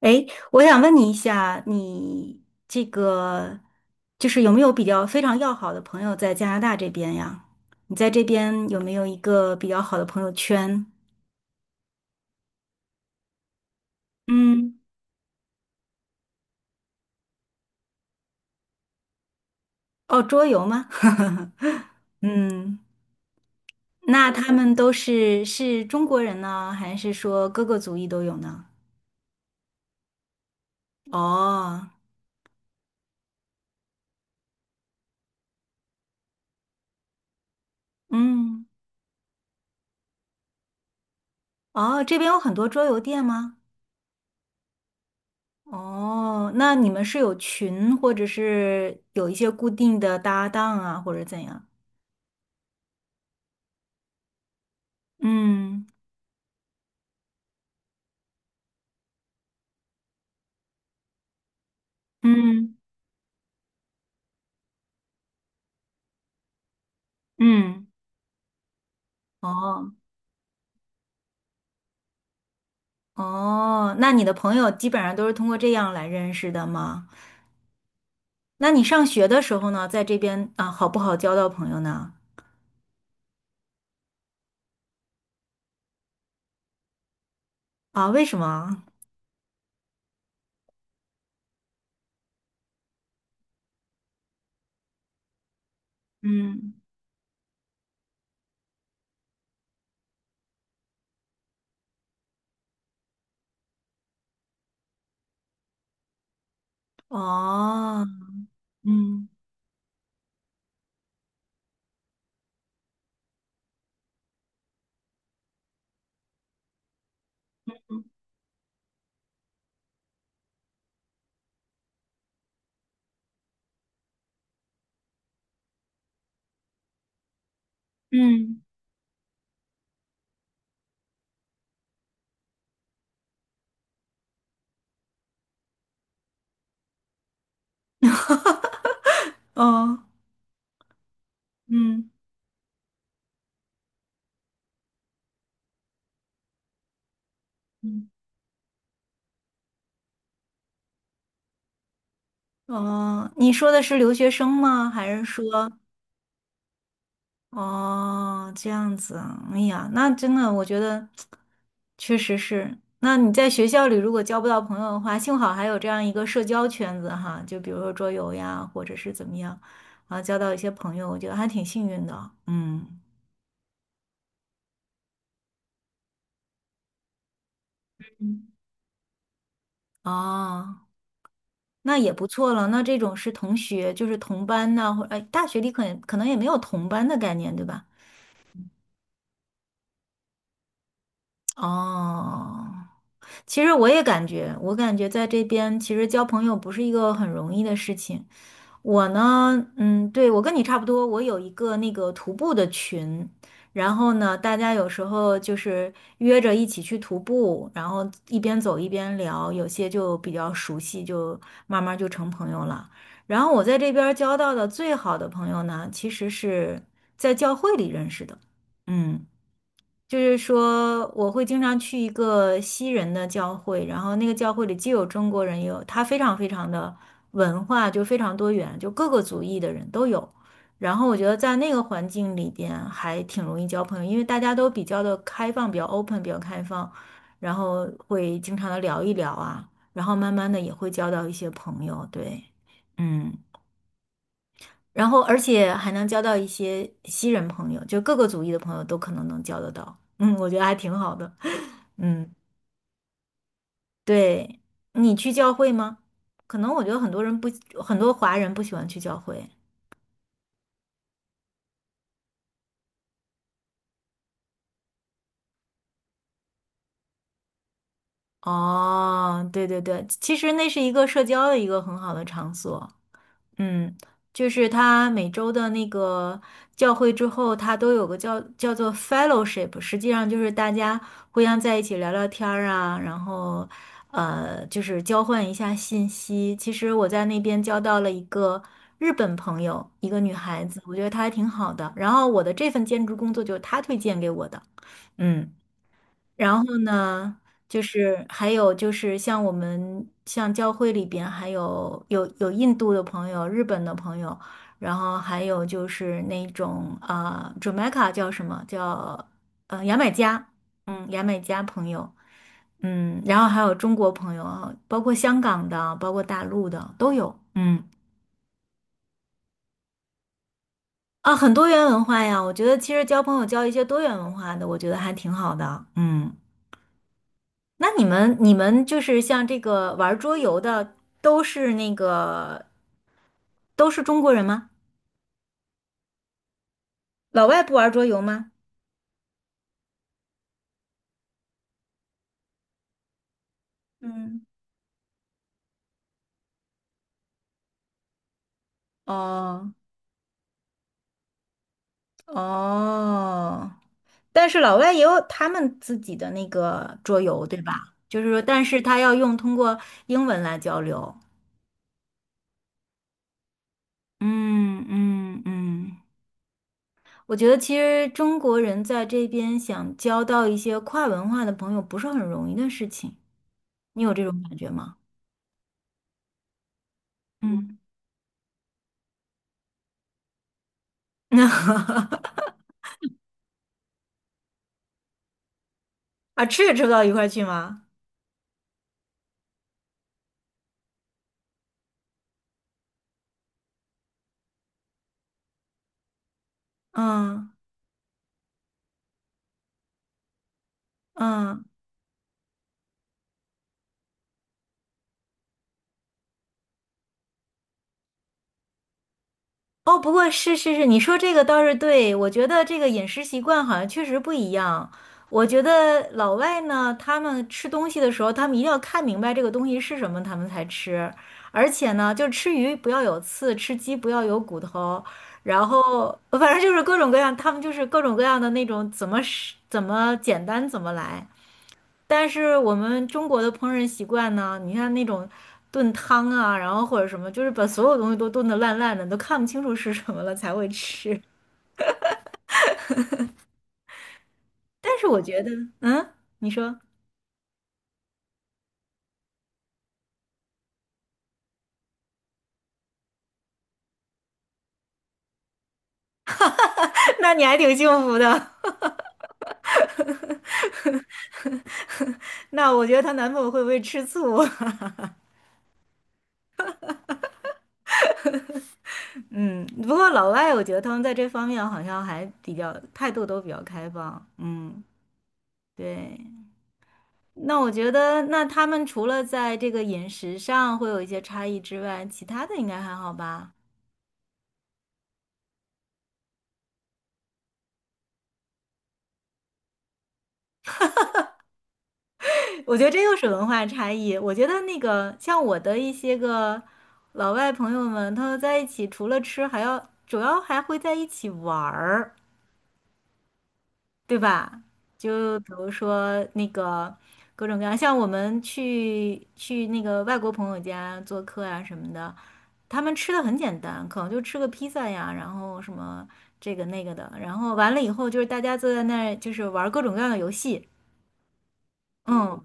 诶，我想问你一下，你这个就是有没有比较非常要好的朋友在加拿大这边呀？你在这边有没有一个比较好的朋友圈？嗯，哦，桌游吗？嗯，那他们都是中国人呢，还是说各个族裔都有呢？哦，嗯，哦，这边有很多桌游店吗？哦，那你们是有群，或者是有一些固定的搭档啊，或者怎样？嗯嗯嗯，哦哦，那你的朋友基本上都是通过这样来认识的吗？那你上学的时候呢，在这边啊，好不好交到朋友呢？啊，为什么？嗯，哦，嗯嗯，哦，嗯嗯，嗯哦，你说的是留学生吗？还是说？哦，这样子啊，哎呀，那真的，我觉得确实是。那你在学校里如果交不到朋友的话，幸好还有这样一个社交圈子哈，就比如说桌游呀，或者是怎么样，啊，交到一些朋友，我觉得还挺幸运的。嗯，嗯，哦，那也不错了。那这种是同学，就是同班呐、或哎，大学里可能也没有同班的概念，对吧？哦，其实我也感觉，我感觉在这边其实交朋友不是一个很容易的事情。我呢，嗯，对，我跟你差不多，我有一个那个徒步的群，然后呢，大家有时候就是约着一起去徒步，然后一边走一边聊，有些就比较熟悉，就慢慢就成朋友了。然后我在这边儿交到的最好的朋友呢，其实是在教会里认识的，嗯。就是说，我会经常去一个西人的教会，然后那个教会里既有中国人，也有他非常非常的文化就非常多元，就各个族裔的人都有。然后我觉得在那个环境里边还挺容易交朋友，因为大家都比较的开放，比较 open，比较开放，然后会经常的聊一聊啊，然后慢慢的也会交到一些朋友，对，嗯。然后而且还能交到一些西人朋友，就各个族裔的朋友都可能能交得到。嗯，我觉得还挺好的。嗯，对，你去教会吗？可能我觉得很多人不，很多华人不喜欢去教会。哦，对对对，其实那是一个社交的一个很好的场所。嗯，就是他每周的那个教会之后，他都有个叫做 fellowship，实际上就是大家互相在一起聊聊天儿啊，然后就是交换一下信息。其实我在那边交到了一个日本朋友，一个女孩子，我觉得她还挺好的。然后我的这份兼职工作就是她推荐给我的，嗯。然后呢，就是还有就是像我们像教会里边还有印度的朋友、日本的朋友，然后还有就是那种啊、Jamaica 叫什么叫牙买加，嗯，牙买加朋友，嗯，然后还有中国朋友啊，包括香港的，包括大陆的都有，嗯啊，很多元文化呀，我觉得其实交朋友交一些多元文化的，我觉得还挺好的，嗯。那你们你们就是像这个玩桌游的，都是那个都是中国人吗？老外不玩桌游吗？嗯，哦哦，但是老外也有他们自己的那个桌游，对吧？就是说，但是他要用通过英文来交流。嗯嗯嗯，我觉得其实中国人在这边想交到一些跨文化的朋友不是很容易的事情，你有这种感觉吗？嗯，那。啊，吃也吃不到一块儿去吗？嗯嗯，哦，不过是是是，你说这个倒是对，我觉得这个饮食习惯好像确实不一样。我觉得老外呢，他们吃东西的时候，他们一定要看明白这个东西是什么，他们才吃。而且呢，就吃鱼不要有刺，吃鸡不要有骨头，然后反正就是各种各样，他们就是各种各样的那种怎么是怎么简单怎么来。但是我们中国的烹饪习惯呢，你看那种炖汤啊，然后或者什么，就是把所有东西都炖得烂烂的，你都看不清楚是什么了才会吃。但是我觉得，嗯，你说，那你还挺幸福的。那我觉得她男朋友会不会吃醋？嗯，不过老外我觉得他们在这方面好像还比较态度都比较开放。嗯，对。那我觉得，那他们除了在这个饮食上会有一些差异之外，其他的应该还好吧？我觉得这又是文化差异。我觉得那个像我的一些个老外朋友们，他们在一起除了吃，还要主要还会在一起玩儿，对吧？就比如说那个各种各样，像我们去那个外国朋友家做客啊什么的，他们吃的很简单，可能就吃个披萨呀，然后什么这个那个的，然后完了以后就是大家坐在那儿就是玩各种各样的游戏，嗯。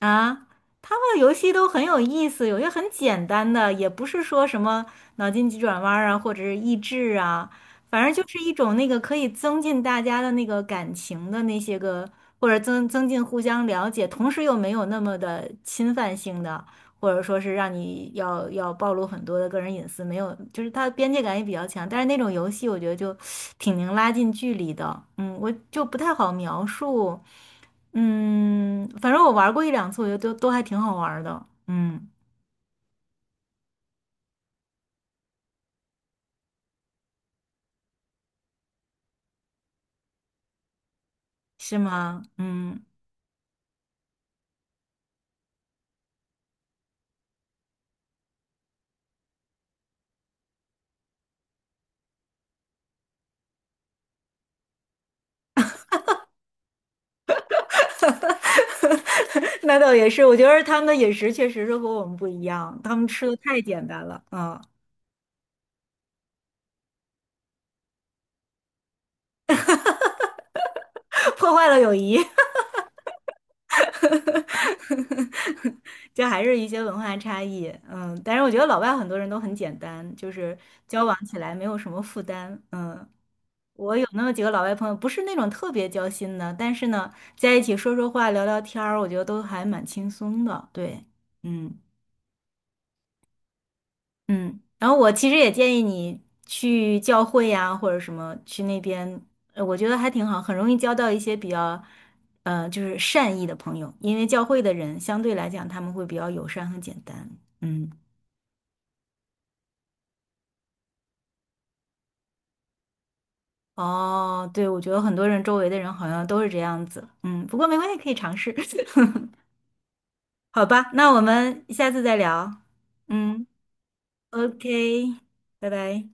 啊，他们的游戏都很有意思，有些很简单的，也不是说什么脑筋急转弯儿啊，或者是益智啊，反正就是一种那个可以增进大家的那个感情的那些个，或者增进互相了解，同时又没有那么的侵犯性的，或者说是让你要暴露很多的个人隐私，没有，就是它的边界感也比较强。但是那种游戏我觉得就挺能拉近距离的，嗯，我就不太好描述。嗯，反正我玩过一两次，我觉得都还挺好玩的。嗯，是吗？嗯，那倒也是，我觉得他们的饮食确实是和我们不一样，他们吃的太简单了，嗯，破坏了友谊，这还是一些文化差异。嗯，但是我觉得老外很多人都很简单，就是交往起来没有什么负担。嗯。我有那么几个老外朋友，不是那种特别交心的，但是呢，在一起说说话、聊聊天儿，我觉得都还蛮轻松的。对，嗯。嗯，然后我其实也建议你去教会呀，或者什么去那边，我觉得还挺好，很容易交到一些比较，就是善意的朋友，因为教会的人相对来讲他们会比较友善和简单。嗯，哦，对，我觉得很多人周围的人好像都是这样子。嗯，不过没关系，可以尝试。好吧，那我们下次再聊。嗯，OK，拜拜。